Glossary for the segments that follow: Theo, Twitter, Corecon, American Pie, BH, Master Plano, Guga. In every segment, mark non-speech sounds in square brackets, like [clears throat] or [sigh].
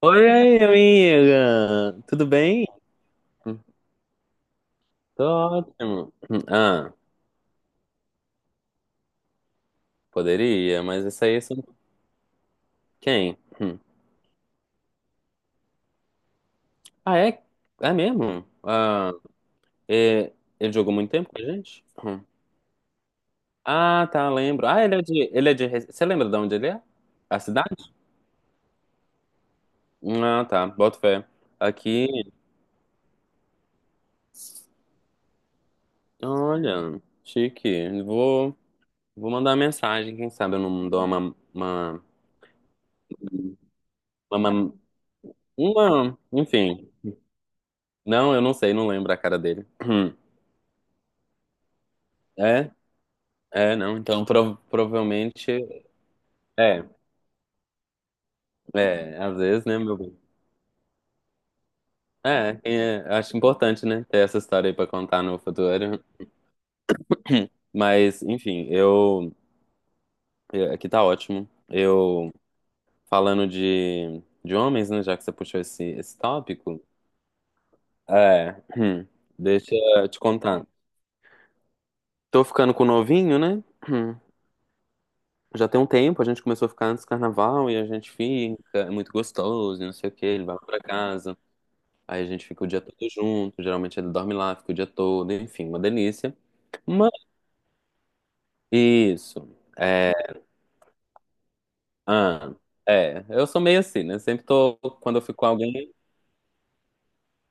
Oi, aí, amiga! Tudo bem? Tô ótimo. Ah, poderia, mas isso aí são quem? Hum. Ah, é? É mesmo? Ah, é- ele jogou muito tempo com a gente? Hum. Ah, tá, lembro. Ah, ele é de... Você lembra de onde ele é? A cidade? Hum. Ah, tá, boto fé. Aqui, olha, chique. Vou mandar uma mensagem, quem sabe eu não dou uma, uma, uma, uma, enfim. Não, eu não sei, não lembro a cara dele. [clears throat] É, é, não. Então, provavelmente. É, é, às vezes, né, meu bem? É, é, acho importante, né, ter essa história aí pra contar no futuro. [clears throat] Mas, enfim, Aqui tá ótimo. Eu. Falando de homens, né, já que você puxou esse tópico. É, [clears throat] deixa eu te contar. Tô ficando com o novinho, né? [clears throat] Já tem um tempo, a gente começou a ficar antes do carnaval e a gente fica, é muito gostoso, e não sei o que, ele vai pra casa. Aí a gente fica o dia todo junto, geralmente ele dorme lá, fica o dia todo, enfim, uma delícia. Mas isso. É. Ah, é, eu sou meio assim, né? Sempre tô, quando eu fico com alguém,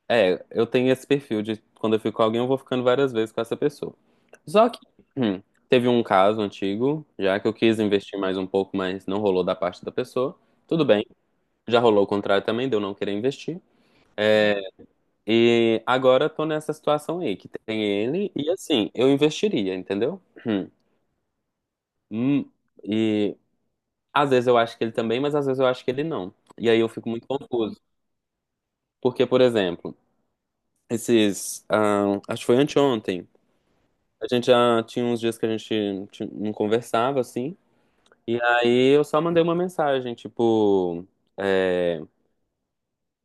é, eu tenho esse perfil de quando eu fico com alguém, eu vou ficando várias vezes com essa pessoa. Só que hum, teve um caso antigo, já que eu quis investir mais um pouco, mas não rolou da parte da pessoa. Tudo bem, já rolou o contrário também, de eu não querer investir. E agora eu tô nessa situação aí, que tem ele, e assim, eu investiria, entendeu? Hum. Hum, e às vezes eu acho que ele também, mas às vezes eu acho que ele não. E aí eu fico muito confuso. Porque, por exemplo, esses. Ah, acho que foi anteontem. A gente já tinha uns dias que a gente não conversava, assim. E aí eu só mandei uma mensagem, tipo. É,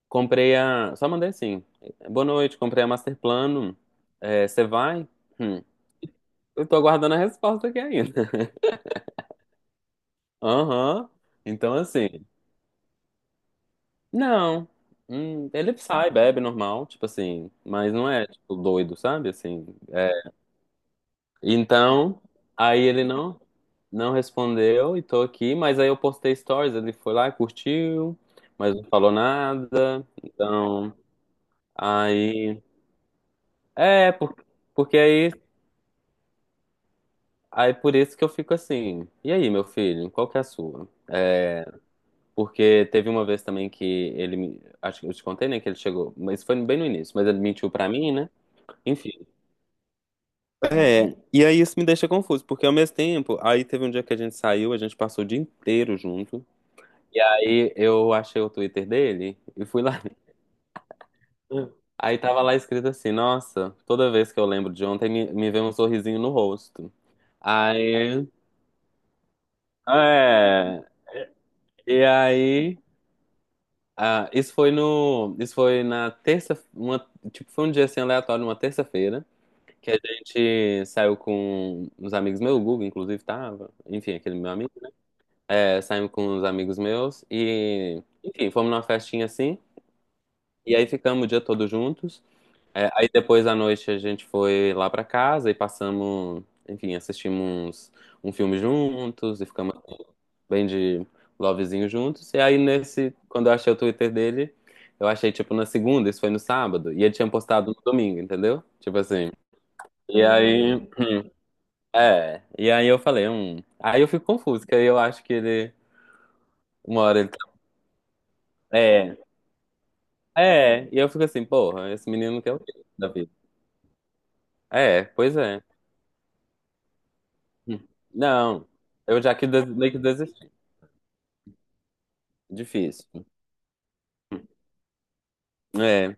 comprei a. Só mandei assim. Boa noite, comprei a Master Plano. É, você vai? Hum. Eu tô aguardando a resposta aqui ainda. [laughs] Aham. Então, assim. Não. Ele sai, bebe normal, tipo assim, mas não é tipo doido, sabe? Assim, é. Então, aí ele não respondeu e tô aqui, mas aí eu postei stories, ele foi lá, curtiu, mas não falou nada. Então, aí é porque aí por isso que eu fico assim. E aí, meu filho, qual que é a sua? É, porque teve uma vez também que ele me, acho que eu te contei, né, que ele chegou, mas foi bem no início, mas ele mentiu pra mim, né? Enfim, é, e aí isso me deixa confuso, porque ao mesmo tempo, aí teve um dia que a gente saiu, a gente passou o dia inteiro junto, e aí eu achei o Twitter dele e fui lá. [laughs] Aí tava lá escrito assim: Nossa, toda vez que eu lembro de ontem, me vem um sorrisinho no rosto. Aí, é, e aí, ah, isso foi no, isso foi na terça, tipo, foi um dia assim aleatório, uma terça-feira, que a gente saiu com uns amigos, meu, o Guga, inclusive, tava, enfim, aquele meu amigo. É, saímos com uns amigos meus e, enfim, fomos numa festinha assim. E aí ficamos o dia todo juntos. É, aí depois da noite a gente foi lá pra casa e passamos, enfim, assistimos um filme juntos e ficamos assim, bem de lovezinho juntos. E aí nesse, quando eu achei o Twitter dele, eu achei tipo na segunda, isso foi no sábado, e ele tinha postado no domingo, entendeu? Tipo assim. E aí, é, e aí eu falei. Aí eu fico confuso, que aí eu acho que ele, uma hora ele tá. É, é, e eu fico assim, porra, esse menino quer o quê da vida? É, pois é. Hum. Não, eu já que meio que desisti. Difícil. É,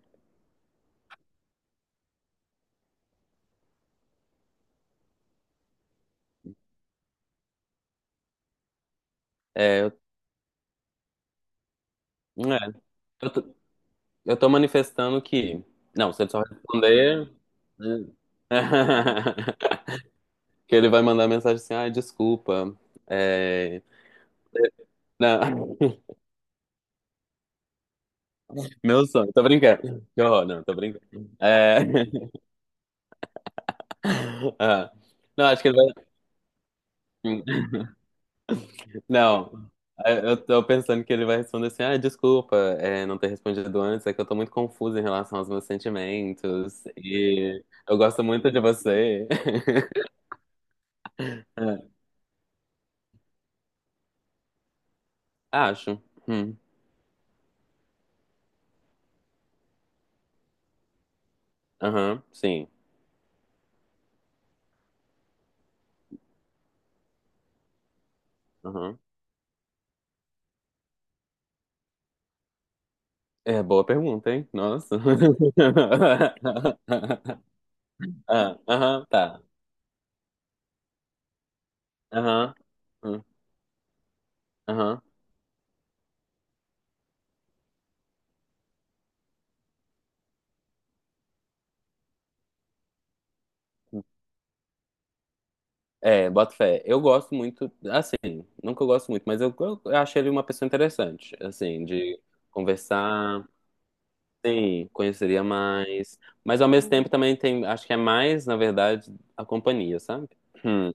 é, é, eu, tô, eu tô manifestando que. Não, se ele só responder. Né? [laughs] Que ele vai mandar mensagem assim: ai, desculpa. É, não, [laughs] meu sonho, tô brincando. Que horror, não, tô brincando. É, [laughs] ah, não, acho que ele vai. Hum. Não, é, eu tô pensando que ele vai responder assim: ah, desculpa, é, não ter respondido antes, é que eu tô muito confusa em relação aos meus sentimentos e eu gosto muito de você. [laughs] É, acho. Hum. Aham, sim. Aham. É, boa pergunta, hein? Nossa. [laughs] Ah, aham, tá. Aham. Hum. Aham. É, boto fé. Eu gosto muito, assim, nunca eu gosto muito, mas eu acho ele uma pessoa interessante, assim, de conversar. Sim, conheceria mais. Mas ao mesmo tempo também tem, acho que é mais, na verdade, a companhia, sabe? Hum,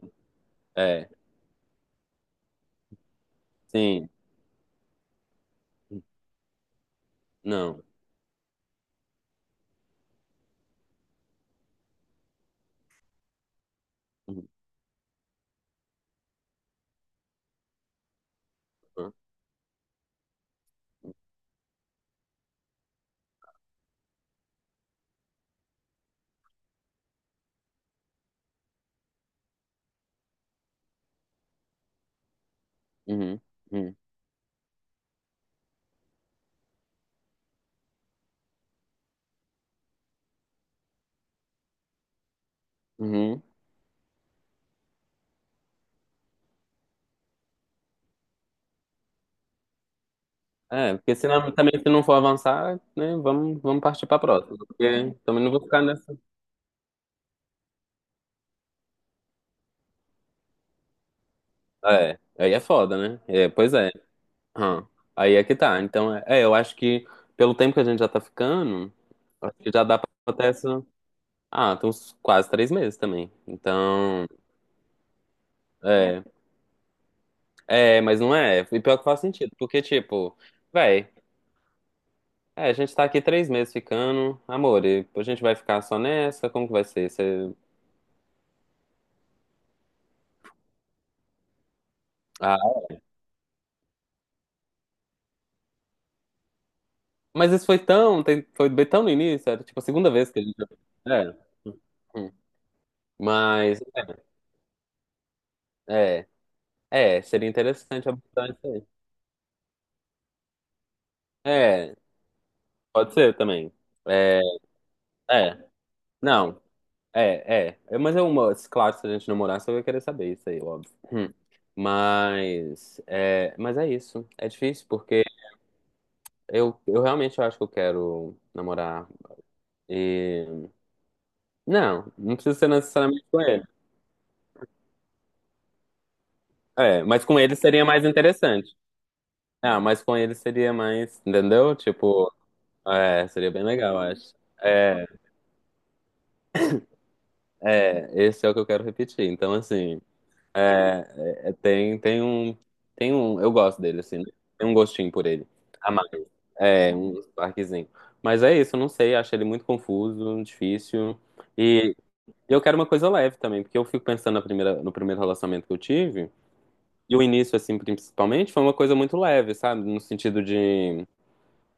é, sim, não. Uhum, uhum, uhum, uhum. É, porque senão também se não for avançar, né, vamos partir pra próxima. Porque também não vou ficar nessa. É, aí é foda, né? É, pois é. Hum, Aí é que tá. Então, é, é, eu acho que pelo tempo que a gente já tá ficando, acho que já dá pra ter essa. Ah, tem uns quase 3 meses também. Então, é. É, mas não é. E pior que faz sentido, porque, tipo, véi, é, a gente tá aqui 3 meses ficando, amor, e a gente vai ficar só nessa? Como que vai ser? Você... Ah, mas isso foi tão, foi bem tão no início, era tipo a segunda vez que a gente. É. Hum. Mas, é, é, é, seria interessante abordar isso aí. É, pode ser também. É, é. Não, é, é. É, mas é uma. Claro, se a gente namorasse, eu ia querer saber isso aí, óbvio. Hum. Mas. É, mas é isso. É difícil porque eu realmente acho que eu quero namorar. E. Não, não precisa ser necessariamente com ele. É, mas com ele seria mais interessante. Ah, mas com ele seria mais. Entendeu? Tipo. É, seria bem legal, acho. É, é. Esse é o que eu quero repetir. Então, assim. É, é, tem um, eu gosto dele, assim, né? Tem um gostinho por ele, amargo, é, um parquezinho. Mas é isso, eu não sei, acho ele muito confuso, difícil, e eu quero uma coisa leve também, porque eu fico pensando no primeiro relacionamento que eu tive, e o início, assim, principalmente, foi uma coisa muito leve, sabe, no sentido de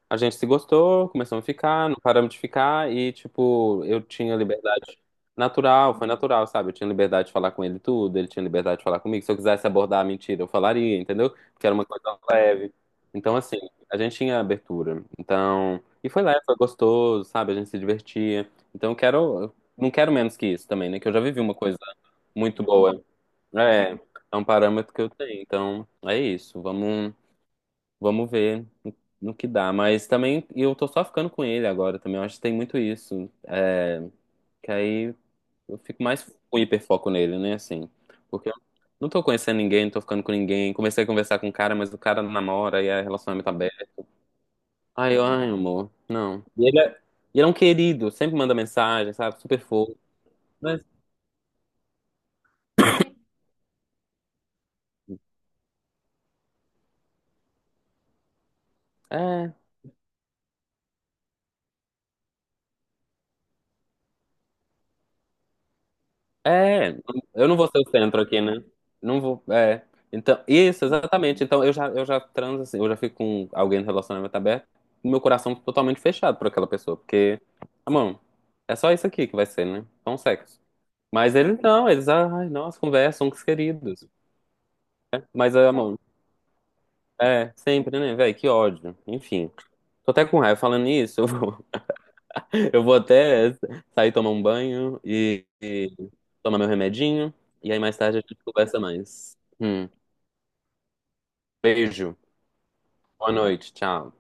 a gente se gostou, começamos a ficar, não paramos de ficar e, tipo, eu tinha liberdade natural, foi natural, sabe? Eu tinha liberdade de falar com ele tudo, ele tinha liberdade de falar comigo. Se eu quisesse abordar a mentira, eu falaria, entendeu? Porque era uma coisa leve. Então, assim, a gente tinha abertura. Então, e foi leve, foi gostoso, sabe? A gente se divertia. Então, eu quero, eu não quero menos que isso também, né? Que eu já vivi uma coisa muito boa. É, é um parâmetro que eu tenho. Então, é isso. Vamos. Vamos ver no que dá. Mas também eu tô só ficando com ele agora também. Eu acho que tem muito isso. É, que aí eu fico mais com hiperfoco nele, né? Assim. Porque eu não tô conhecendo ninguém, não tô ficando com ninguém. Comecei a conversar com um cara, mas o cara namora e é relacionamento tá aberto. Ai, eu, ai, amor. Não. E ele é um querido, sempre manda mensagem, sabe? Super fofo. Mas é. É, eu não vou ser o centro aqui, né? Não vou, é. Então, isso, exatamente. Então, eu já transo assim, eu já fico com alguém no relacionamento aberto, com meu coração totalmente fechado por aquela pessoa, porque, ah, mano, é só isso aqui que vai ser, né? Só um sexo. Mas eles não, eles, ai, nossa, conversam com os queridos. Né? Mas, ah, mano, é, sempre, né, velho, que ódio. Enfim, tô até com raiva falando isso, [laughs] eu vou até sair tomar um banho e tomar meu remedinho e aí mais tarde a gente conversa mais. Beijo, boa noite, tchau.